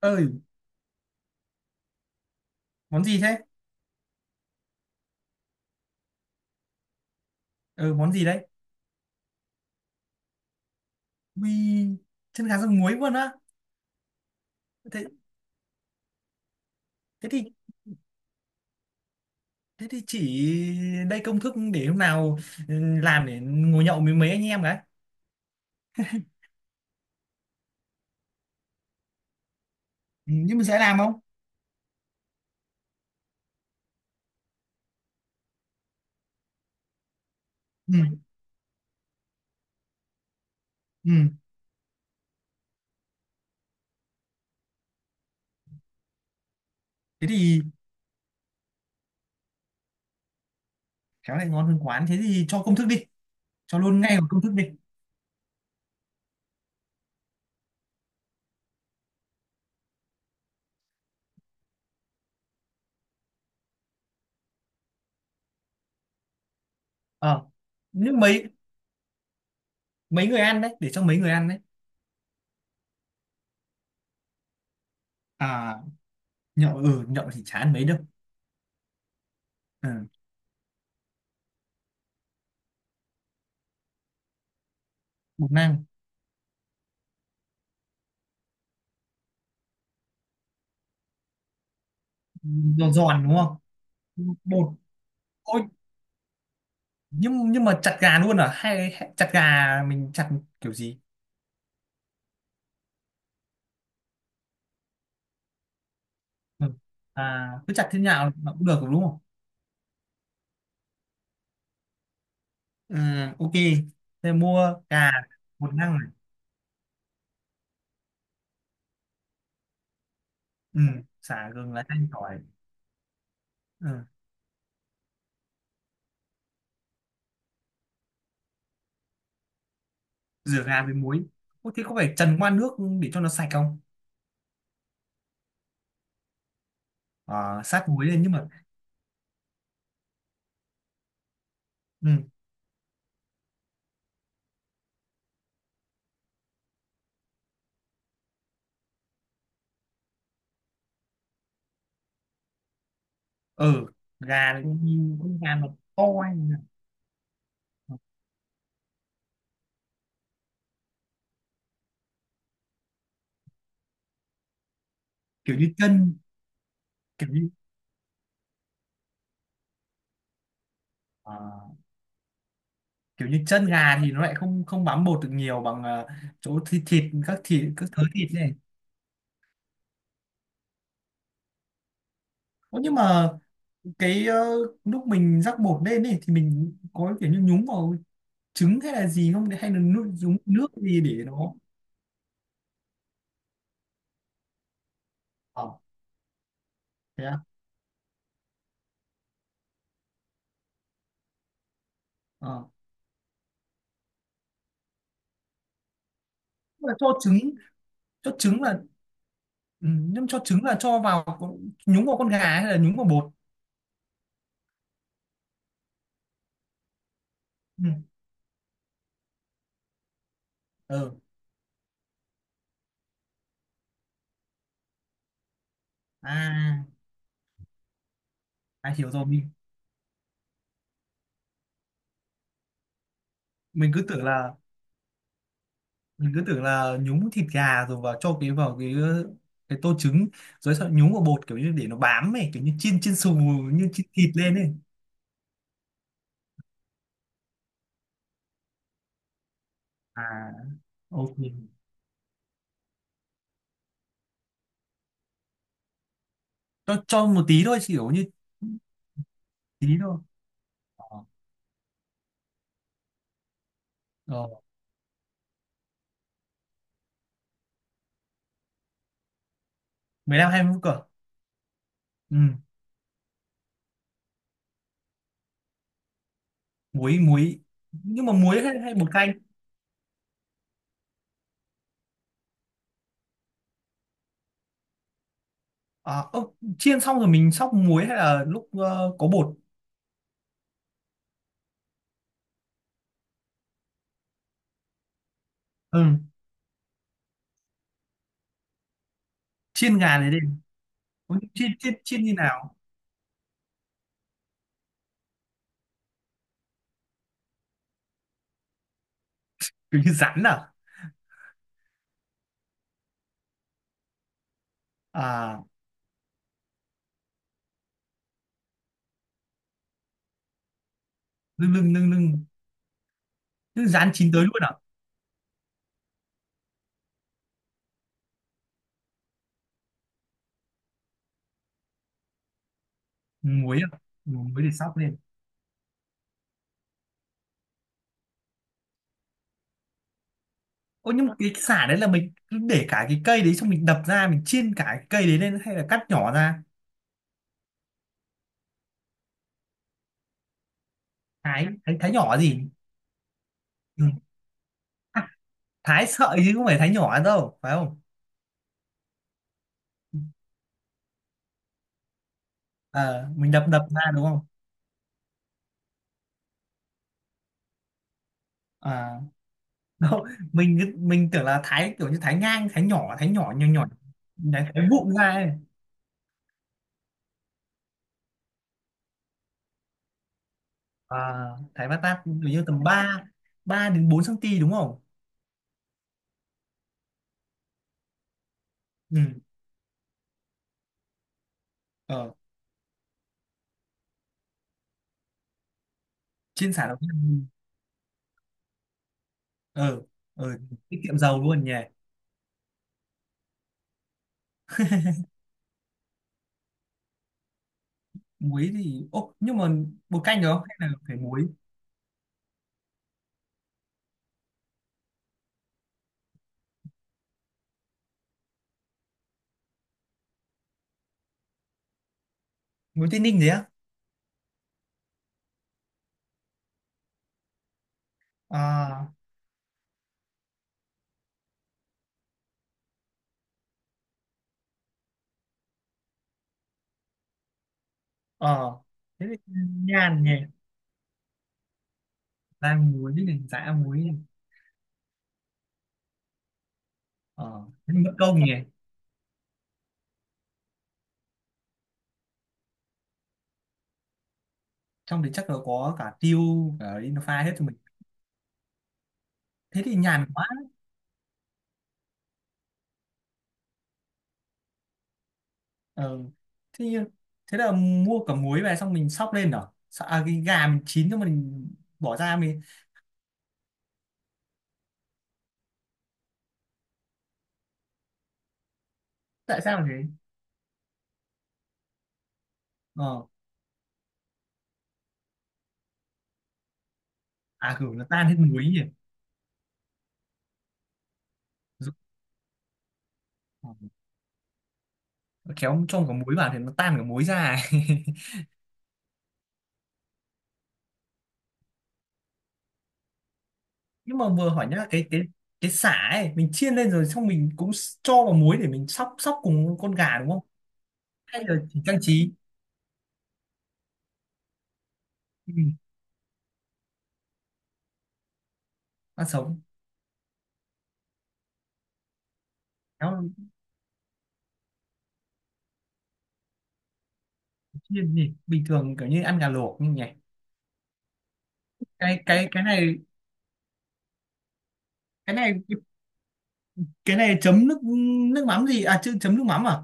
Ơi, món gì thế? Ừ, món gì đấy? Ui, chân gà rang muối luôn á. Thế thế thì thế thì chỉ đây công thức để hôm nào. ừ, làm để ngồi nhậu với mấy anh em đấy. Ừ, nhưng mình sẽ làm không. Ừ, ừ. Thế thì khéo lại ngon hơn quán. Thế thì cho công thức đi, cho luôn ngay vào công thức đi. ờ nhưng mấy mấy người ăn đấy? Để cho mấy người ăn đấy? À, nhậu, ừ nhậu thì chả ăn mấy đâu. Ừ, bột năng. Giòn giòn đúng không? Bột. Ôi, nhưng mà chặt gà luôn à, hay chặt gà mình chặt kiểu gì? Ừ. À cứ chặt thế nào mà cũng được đúng không? Ừ, ok. Thế mua gà, một năng này. Ừ, sả gừng lá chanh tỏi. Ừ, rửa gà với muối. Ô, thế có phải trần qua nước để cho nó sạch không? Ờ, sát muối lên nhưng mà. Ừ, ờ gà này con gà nó to hay như nào? Kiểu như chân, kiểu như ờ, kiểu như chân gà thì nó lại không không bám bột được nhiều bằng chỗ thịt, thịt các thớ thịt này. Ủa, nhưng mà cái lúc mình rắc bột lên ấy thì mình có kiểu như nhúng vào trứng hay là gì không, hay là nhúng nước gì để nó. ờ Thế à? Ờ. Tức là cho trứng, cho trứng là, ừ, nhưng cho trứng là cho vào nhúng vào con gà hay là nhúng vào bột? Ừ. Ờ. à, à, hiểu rồi. Mình mình cứ tưởng là mình cứ tưởng là nhúng thịt gà rồi vào cho cái vào cái tô trứng rồi sau nhúng vào bột kiểu như để nó bám ấy, kiểu như chiên chiên xù, như chiên thịt lên ấy. À, ok. Tôi cho một tí thôi, chỉ kiểu như tí thôi. Ờ. Ờ, 15-20 phút cơ? Ừ. Muối, muối. Nhưng mà muối, hay bột canh? à, ơ, Chiên xong rồi mình xóc muối hay là lúc có bột? Ừ. Chiên gà này đi. Ủa, chiên chiên chiên như nào? Kiểu như rán à? À. Lưng lưng, lưng lưng. Cứ rán chín tới luôn à? Ừ, muối à. Ừ, muối để xóc lên. Ô nhưng mà cái sả đấy là mình cứ để cả cái cây đấy xong mình đập ra mình chiên cả cái cây đấy lên hay là cắt nhỏ ra? Thái thái, Thái nhỏ gì? Ừ. Thái sợi chứ không phải thái nhỏ đâu phải không? Ờ, mình đập đập ra đúng không? À, đâu, mình tưởng là thái kiểu như thái ngang, thái nhỏ, thái nhỏ nhỏ nhỏ thái vụn ra ấy. À, thái bát tát kiểu như tầm 3 3 đến 4 cm đúng không? Ừ. Ờ, trên sả đầu tiên. Ờ. Ờ, tiết kiệm dầu luôn nhỉ. Muối thì ô, nhưng mà bột canh được không hay là phải muối? Muối Tây Ninh gì á? À. Ờ, thế thì nhàn nhỉ. Ra muối này, dã muối này. Ờ, thế mất công nhỉ. Trong đấy chắc là có cả tiêu, cả Indophile hết cho mình. Thế thì nhàn quá. Ờ. Thế như, thế là mua cả muối về xong mình xóc lên rồi, à cái gà mình chín cho mình bỏ ra mình. Tại sao là thế? Ờ. À, kiểu nó tan hết muối nhỉ. Dụ- ờ, khéo cho cả muối vào thì nó tan cả muối ra. Nhưng mà vừa hỏi nhá, cái sả ấy mình chiên lên rồi xong mình cũng cho vào muối để mình xóc xóc cùng con gà đúng không, hay là chỉ trang trí? Ừ. Ăn sống. Khéo chiên gì bình thường kiểu như ăn gà luộc nhỉ. cái cái cái này cái này cái này chấm nước, nước mắm gì à? Chứ chấm nước mắm à?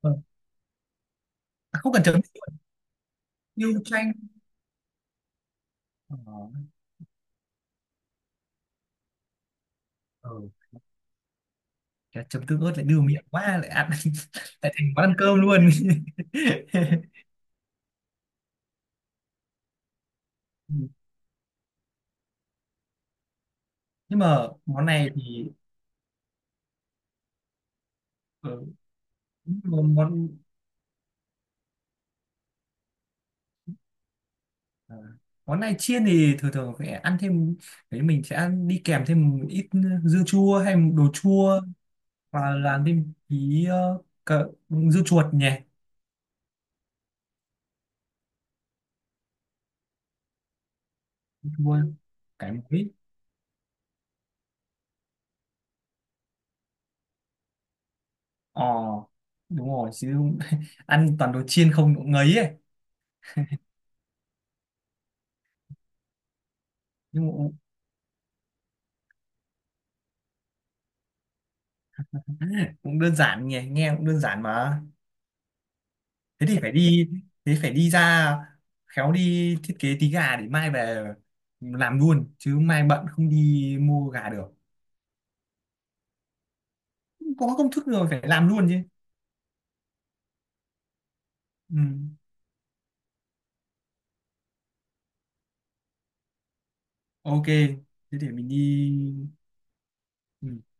Ờ. À, không cần chấm, như chanh. Ờ. Ờ. Chả chấm tương ớt lại đưa miệng quá lại ăn. Lại thành món ăn cơm luôn. Ừ. Nhưng mà món này thì, ờ, món ờ, món này chiên thì thường thường phải ăn thêm, đấy mình sẽ ăn đi kèm thêm một ít dưa chua hay một đồ chua, và làm thêm tí dưa chuột nhỉ. Chua. Cái muối. Ờ, đúng rồi chứ ăn toàn đồ chiên không cũng ngấy ấy. Nhưng mà cũng, cũng đơn giản nhỉ, nghe cũng đơn giản mà. Thế thì phải đi, thế phải đi ra, khéo đi thiết kế tí gà để mai về làm luôn chứ mai bận không đi mua gà được. Có công thức rồi phải làm luôn chứ. Ừ. Ok, thế để mình đi. Ừ.